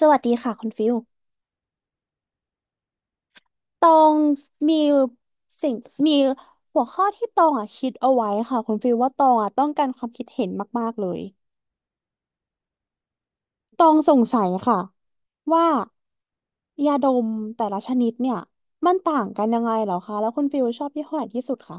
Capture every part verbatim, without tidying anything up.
สวัสดีค่ะคุณฟิล ตองมีสิ่งมีหัวข้อที่ตองอ่ะคิดเอาไว้ค่ะคุณฟิลว่าตองอ่ะต้องการความคิดเห็นมากๆเลยตองสงสัยค่ะว่ายาดมแต่ละชนิดเนี่ยมันต่างกันยังไงเหรอคะแล้วคุณฟิลชอบยี่ห้อไหนที่สุดคะ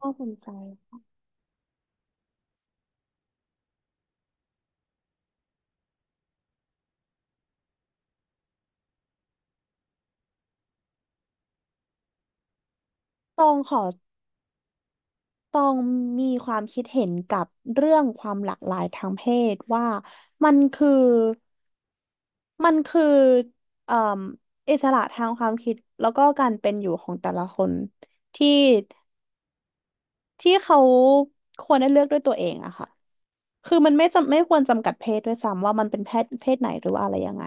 น่าสนใจตองขอตองมีความคิดเห็นกับเรื่องความหลากหลายทางเพศว่ามันคือ มันคือเอ่มอิสระทางความคิดแล้วก็การเป็นอยู่ของแต่ละคนที่ที่เขาควรได้เลือกด้วยตัวเองอะค่ะ คือมันไม่จำไม่ควรจำกัดเพศด้วยซ้ำว่ามันเป็นเพศเพศไหนหรือว่าอะไรยังไง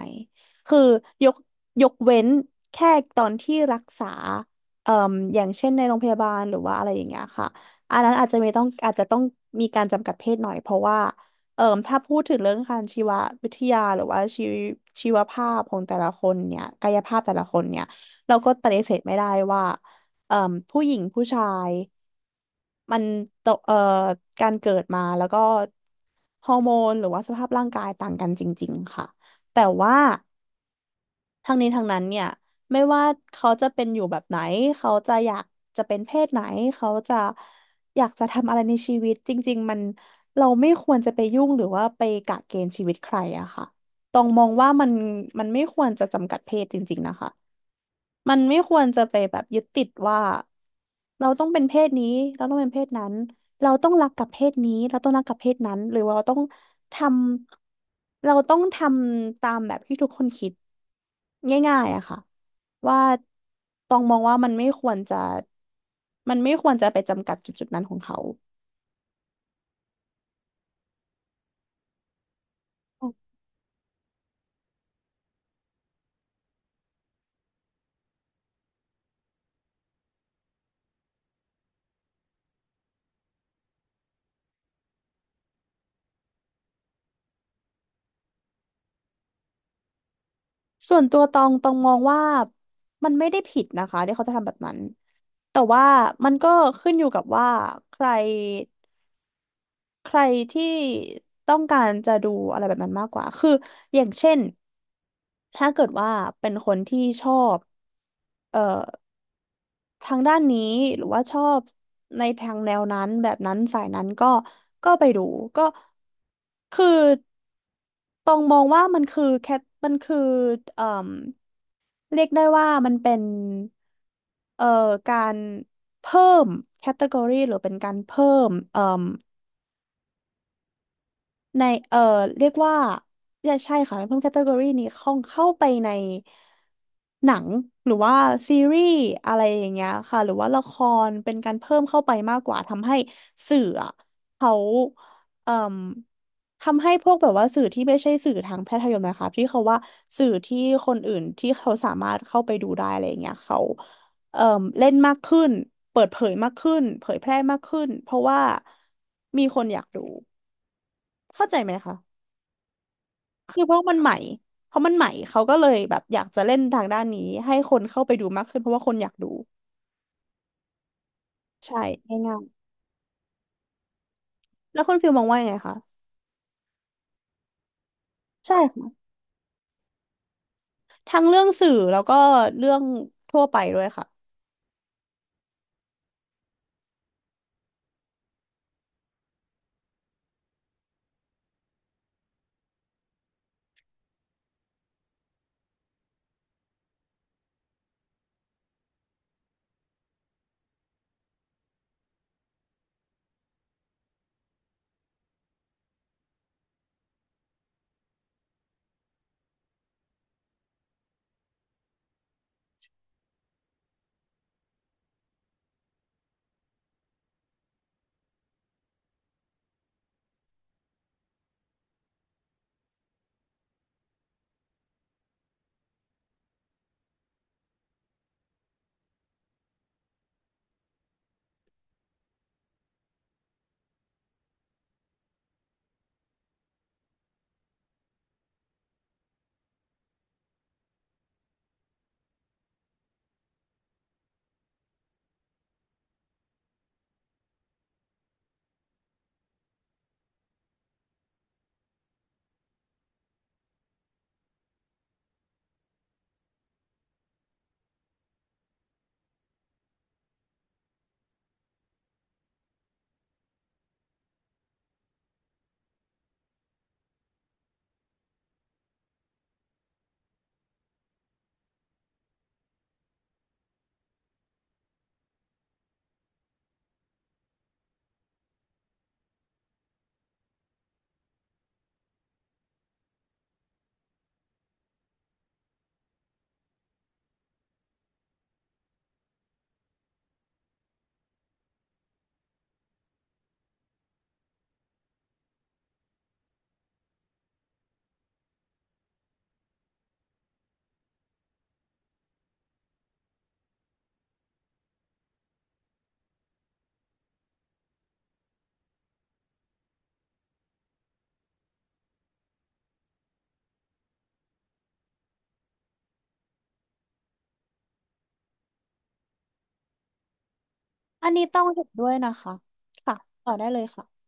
คือยกยกเว้นแค่ตอนที่รักษาเอ่มอย่างเช่นในโรงพยาบาลหรือว่าอะไรอย่างเงี้ยค่ะ อันนั้นอาจจะไม่ต้องอาจจะต้องมีการจำกัดเพศหน่อยเพราะว่าเอ่มถ้าพูดถึงเรื่องการชีววิทยาหรือว่าชีวชีวภาพของแต่ละคนเนี่ยกายภาพแต่ละคนเนี่ยเราก็ปฏิเสธไม่ได้ว่าเอ่มผู้หญิงผู้ชาย มันโตเอ่อการเกิดมาแล้วก็ฮอร์โมนหรือว่าสภาพร่างกายต่างกันจริงๆค่ะแต่ว่าทั้งนี้ทั้งนั้นเนี่ยไม่ว่าเขาจะเป็นอยู่แบบไหนเขาจะอยากจะเป็นเพศไหนเขาจะอยากจะทำอะไรในชีวิตจริงๆมันเราไม่ควรจะไปยุ่งหรือว่าไปกะเกณฑ์ชีวิตใครอะค่ะต้องมองว่ามันมันไม่ควรจะจำกัดเพศจริงๆนะคะ มันไม่ควรจะไปแบบยึดติดว่าเราต้องเป็นเพศนี้เราต้องเป็นเพศนั้นเราต้องรักกับเพศนี้เราต้องรักกับเพศนั้นหรือว่าเราต้องทำเราต้องทำตามแบบที่ทุกคนคิดง่ายๆอะค่ะว่าต้องมองว่ามันไม่ควรจะมันไม่ควรจะไปจำกัดจุดจุดนั้นของเขาส่วนตัวตองตองมองว่ามันไม่ได้ผิดนะคะที่เขาจะทำแบบนั้นแต่ว่ามันก็ขึ้นอยู่กับว่าใคร ใครที่ต้องการจะดูอะไรแบบนั้นมากกว่าคืออย่างเช่นถ้าเกิดว่าเป็นคนที่ชอบเอ่อทางด้านนี้หรือว่าชอบในทางแนวนั้นแบบนั้นสายนั้นก็ก็ไปดูก็คือตองมองว่ามันคือแคทมันคือเอ่มเรียกได้ว่ามันเป็นเอ่อการเพิ่มแคตตากรีหรือเป็นการเพิ่มเอ่อ ในเอ่อเรียกว่าเนี่ยใช่ค่ะเพิ่มแคตตากรีนี้เข้าเข้าไปในหนังหรือว่าซีรีส์อะไรอย่างเงี้ยค่ะหรือว่าละครเป็นการเพิ่มเข้าไปมากกว่าทำให้สื่ออะเขาเอ่มทำให้พวกแบบว่าสื่อที่ไม่ใช่สื่อทางแพทยมนะคะที่เขาว่าสื่อที่คนอื่นที่เขาสามารถเข้าไปดูได้อะไรอย่างเงี้ยเขาเอ่มเล่นมากขึ้นเปิดเผยมากขึ้นเผยแพร่มากขึ้นเพราะว่ามีคนอยากดูเข้าใจไหมคะ คือเพราะมันใหม่เพราะมันใหม่เขาก็เลยแบบอยากจะเล่นทางด้านนี้ให้คนเข้าไปดูมากขึ้นเพราะว่าคนอยากดูใช่ง่ายๆแล้วคุณฟิลมองว่ายังไงคะใช่ค่ะทั้งเรื่องสื่อแล้วก็เรื่องทั่วไปด้วยค่ะอันนี้ต้องเห็นด้วยนะคะค่ะต่อได้เลยค่ะ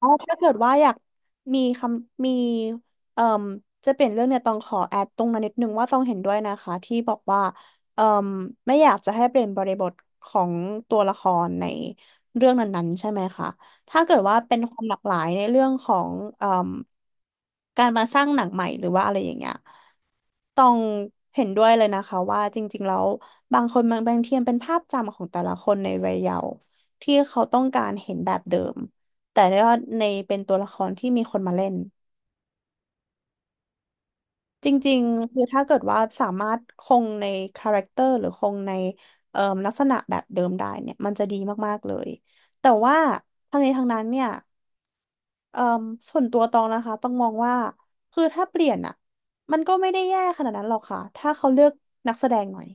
อ๋อถ้าเกิดว่าอยากมีคำมีเอ่มจะเปลี่ยนเรื่องเนี่ยต้องขอแอดตรงนั้นนิดนึงว่าต้องเห็นด้วยนะคะที่บอกว่าเอ่มไม่อยากจะให้เปลี่ยนบริบทของตัวละครในเรื่องนั้นๆใช่ไหมคะถ้าเกิดว่าเป็นความหลากหลายในเรื่องของเอ่ม การมาสร้างหนังใหม่หรือว่าอะไรอย่างเงี้ยต้องเห็นด้วยเลยนะคะว่าจริงๆแล้วบางคนบางบางทีมันเป็นภาพจำของแต่ละคนในวัยเยาว์ที่เขาต้องการเห็นแบบเดิมแต่ว่าในเป็นตัวละครที่มีคนมาเล่นจริงๆคือถ้าเกิดว่าสามารถคงในคาแรคเตอร์หรือคงในเอ่อลักษณะแบบเดิมได้เนี่ยมันจะดีมากๆเลยแต่ว่าทั้งนี้ทั้งนั้นเนี่ย เอ่มส่วนตัวตองนะคะต้องมองว่าคือถ้าเปลี่ยนอ่ะมันก็ไม่ได้แย่ขนาดนั้นหรอกค่ะถ้าเขาเลือกนักแสดงหน่อย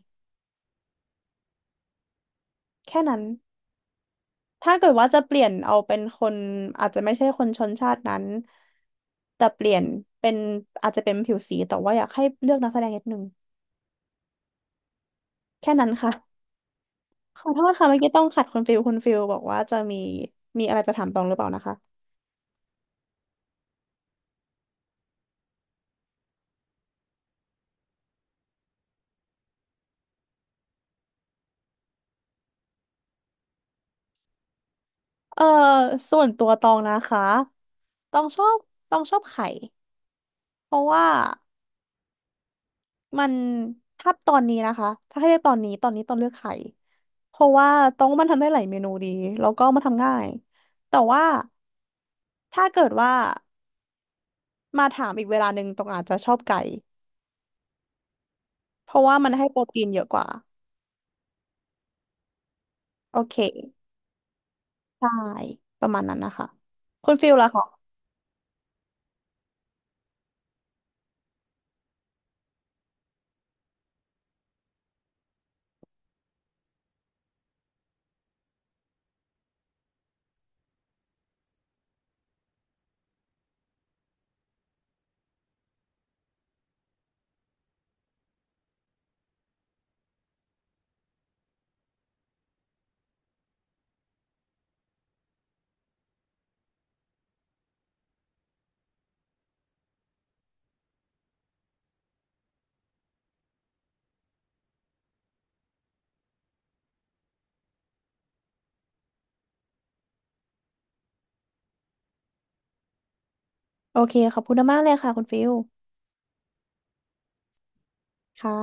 แค่นั้นถ้าเกิดว่าจะเปลี่ยนเอาเป็นคนอาจจะไม่ใช่คนชนชาตินั้นแต่เปลี่ยนเป็นอาจจะเป็นผิวสีแต่ว่าอยากให้เลือกนักแสดงนิดนึงแค่นั้นค่ะขอโทษค่ะเมื่อกี้ต้องขัดคุณฟิลคุณฟิลบอกว่าจะมีมีอะไรจะถามตองหรือเปล่านะคะเออส่วนตัวตองนะคะตองชอบตองชอบไข่เพราะว่า มันถ้าตอนนี้นะคะ ถ้าให้เลือกตอนนี้ ตอนนี้ต้องเลือกไข่เพราะว่าต้องมันทำได้หลายเมนูดีแล้วก็มันทำง่าย แต่ว่าถ้าเกิดว่ามาถามอีกเวลาหนึ่งตรองอาจจะชอบไก่เพราะว่ามันให้โปรตีนเยอะกว่าโอเค ใช่ ประมาณนั้นนะคะคุณฟิลล่ะคะโอเคขอบคุณมากเลยค่ะคุณฟิลค่ะ